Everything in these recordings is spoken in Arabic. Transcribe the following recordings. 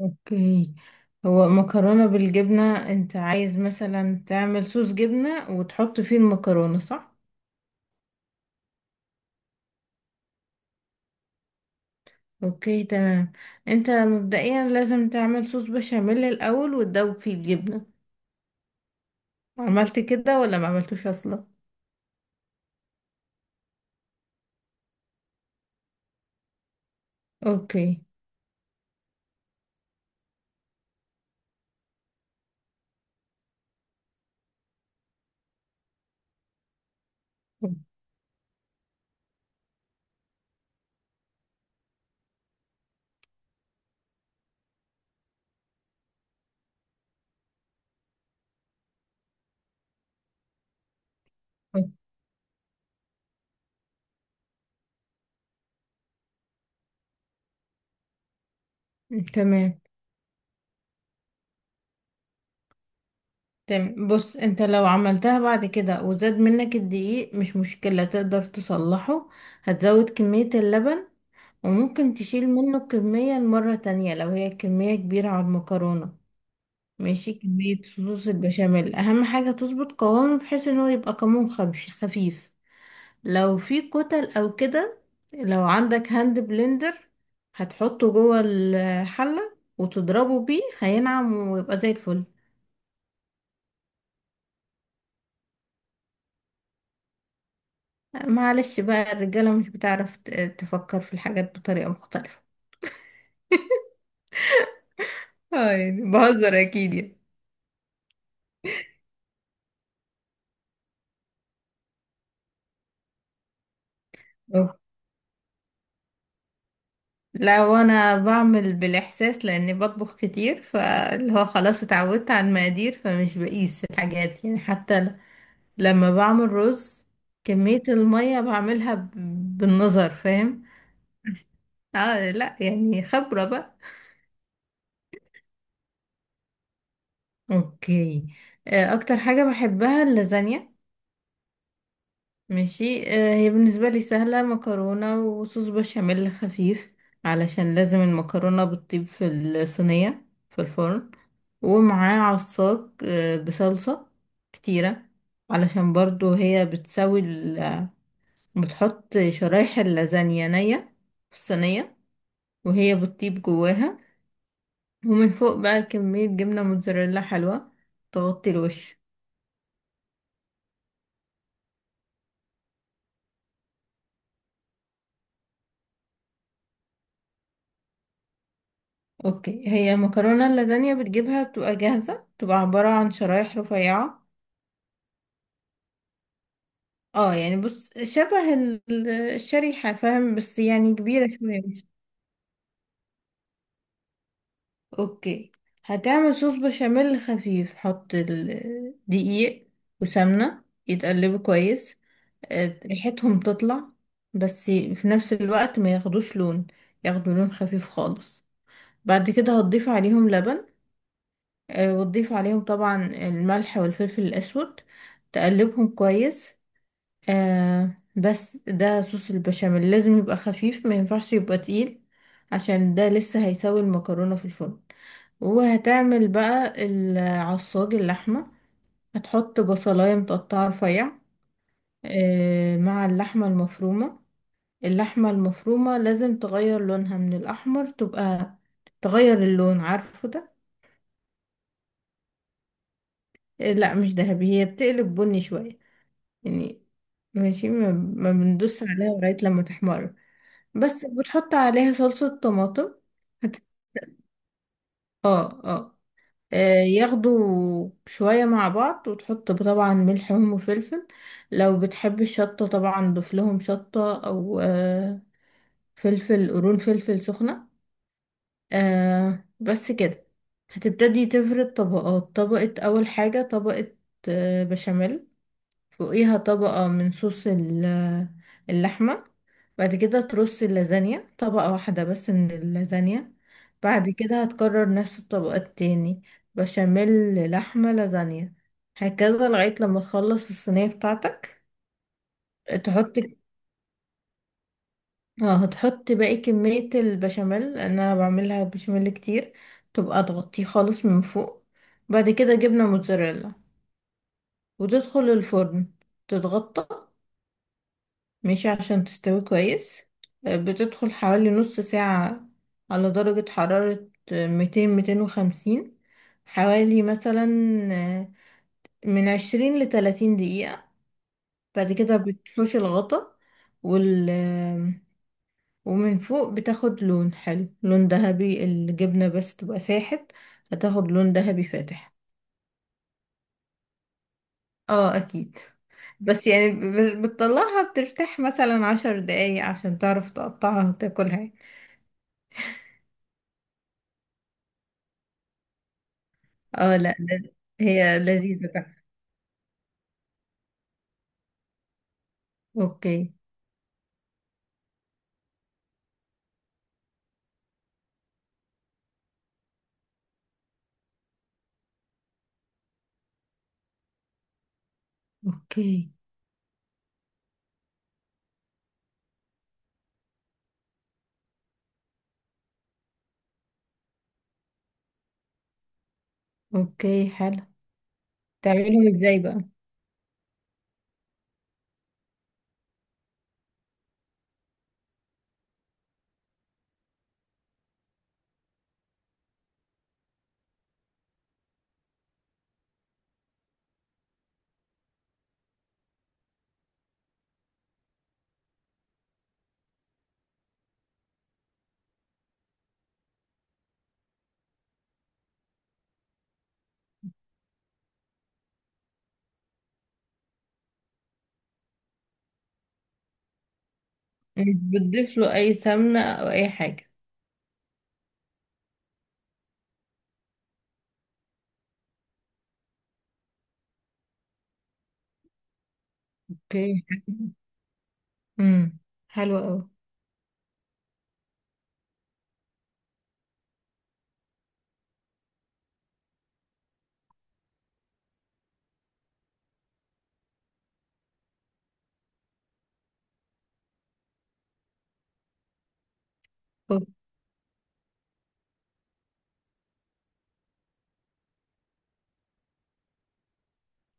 اوكي. هو مكرونة بالجبنة انت عايز مثلا تعمل صوص جبنة وتحط فيه المكرونة، صح؟ اوكي تمام. انت مبدئيا لازم تعمل صوص بشاميل الاول وتدوب فيه الجبنة. عملت كده ولا ما عملتوش اصلا؟ اوكي تمام. تمام، بص، انت لو عملتها بعد كده وزاد منك الدقيق، مش مشكلة، تقدر تصلحه. هتزود كمية اللبن، وممكن تشيل منه الكمية المرة تانية لو هي كمية كبيرة على المكرونة. ماشي، كمية صوص البشاميل أهم حاجة تظبط قوامه بحيث إن هو يبقى قوام خفيف خفيف. لو في كتل أو كده، لو عندك هاند بلندر، هتحطه جوه الحلة وتضربه بيه هينعم ويبقى زي الفل. معلش بقى، الرجالة مش بتعرف تفكر في الحاجات بطريقة مختلفة. اه يعني بهزر أكيد يعني. لو انا بعمل بالاحساس لاني بطبخ كتير، فاللي هو خلاص اتعودت على المقادير فمش بقيس الحاجات يعني، حتى لما بعمل رز، كمية المية بعملها بالنظر، فاهم. اه لا، يعني خبرة بقى. اوكي، اكتر حاجة بحبها اللازانيا. ماشي، هي بالنسبة لي سهلة، مكرونة وصوص بشاميل خفيف علشان لازم المكرونة بتطيب في الصينية في الفرن، ومعاه عصاك بصلصة كتيرة، علشان برضو هي بتسوي بتحط شرايح اللازانيا نية في الصينية وهي بتطيب جواها، ومن فوق بقى كمية جبنة موتزاريلا حلوة تغطي الوش. اوكي، هي مكرونة اللازانيا بتجيبها بتبقى جاهزة، بتبقى عبارة عن شرايح رفيعة. اه يعني بص، شبه الشريحة فاهم، بس يعني كبيرة شوية مش. اوكي، هتعمل صوص بشاميل خفيف، حط الدقيق وسمنة يتقلبوا كويس، ريحتهم تطلع بس في نفس الوقت ما ياخدوش لون، ياخدوا لون خفيف خالص. بعد كده هتضيف عليهم لبن، وتضيف عليهم طبعا الملح والفلفل الأسود، تقلبهم كويس. بس ده صوص البشاميل لازم يبقى خفيف، ما ينفعش يبقى تقيل، عشان ده لسه هيسوي المكرونة في الفرن. وهتعمل بقى العصاج اللحمة، هتحط بصلاية متقطعة رفيع، مع اللحمة المفرومة. اللحمة المفرومة لازم تغير لونها من الأحمر، تبقى تغير اللون عارفه ده. لا مش ذهبي، هي بتقلب بني شوية يعني. ماشي، ما بندوس عليها لغاية لما تحمر، بس بتحط عليها صلصة طماطم. هت... اه اه. آه، ياخدوا شوية مع بعض، وتحط طبعا ملحهم وفلفل، لو بتحب الشطة طبعا ضيف لهم شطة أو فلفل قرون، فلفل سخنة. بس كده. هتبتدي تفرد طبقات، طبقة أول حاجة طبقة بشاميل، فوقيها طبقة من صوص اللحمة، بعد كده ترص اللازانيا طبقة واحدة بس من اللازانيا. بعد كده هتكرر نفس الطبقة التاني، بشاميل، لحمة، لازانيا، هكذا لغاية لما تخلص الصينية بتاعتك. تحط، اه هتحط باقي كمية البشاميل لأن أنا بعملها بشاميل كتير، تبقى تغطيه خالص من فوق. بعد كده جبنة موتزاريلا، وتدخل الفرن، تتغطى، ماشي، عشان تستوي كويس. بتدخل حوالي نص ساعة على درجة حرارة 200، 250، حوالي مثلا، آه، من 20 لتلاتين دقيقة. بعد كده بتحوش الغطا، وال آه، ومن فوق بتاخد لون حلو، لون ذهبي، الجبنة بس تبقى ساحت، هتاخد لون ذهبي فاتح. اه اكيد، بس يعني بتطلعها بترتاح مثلا 10 دقايق عشان تعرف تقطعها وتاكلها. اه لا، هي لذيذة تحفة. اوكي. اوكي. اوكي حلو. تعملهم ازاي بقى؟ مش بتضيف له أي سمنة أو أي حاجة؟ اوكي حلو. امم، حلو قوي.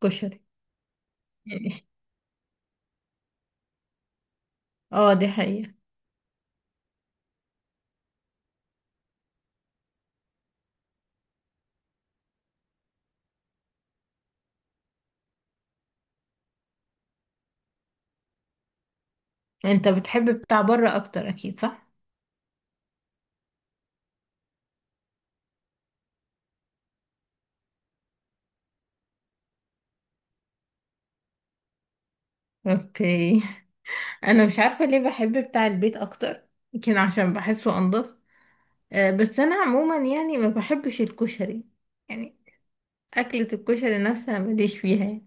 كشري. اه دي حقيقة. انت بتحب بتاع بره اكتر اكيد، صح؟ اوكي. انا مش عارفة ليه بحب بتاع البيت اكتر، يمكن عشان بحسه انضف. بس انا عموما يعني ما بحبش الكشري يعني، اكلة الكشري نفسها ماليش فيها يعني.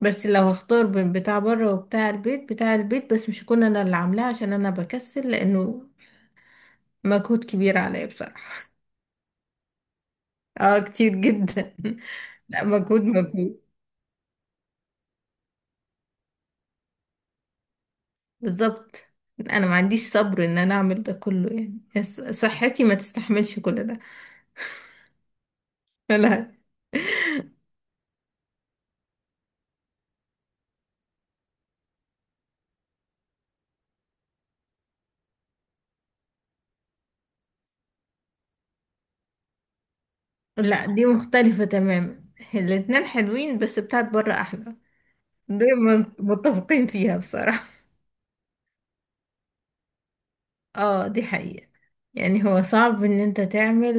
بس لو هختار بين بتاع بره وبتاع البيت، بتاع البيت، بس مش هكون انا اللي عاملاه عشان انا بكسل، لانه مجهود كبير عليا بصراحة. اه كتير جدا. لا، مجهود مجهود، بالظبط. انا ما عنديش صبر ان انا اعمل ده كله يعني، بس صحتي ما تستحملش كل ده. لا. لا، دي مختلفة تماما، الاتنين حلوين بس بتاعت بره احلى. دي متفقين فيها بصراحة. اه دي حقيقة. يعني هو صعب ان انت تعمل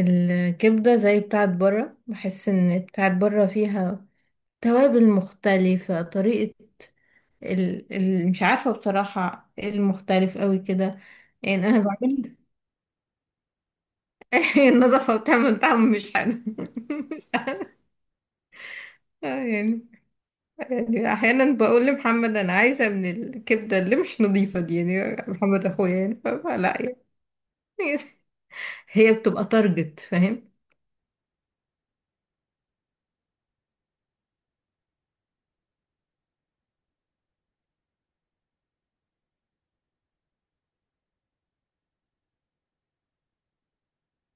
الكبدة زي بتاعت بره، بحس ان بتاعت بره فيها توابل مختلفة، طريقة مش عارفة بصراحة ايه المختلف قوي كده. يعني انا بعمل، النظافة بتعمل طعم مش حلو. مش عارفة يعني. يعني احيانا بقول لمحمد انا عايزة من الكبدة اللي مش نظيفة دي، يعني محمد اخويا يعني، فلا يعني. هي بتبقى تارجت، فاهم.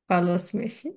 خلاص ماشي.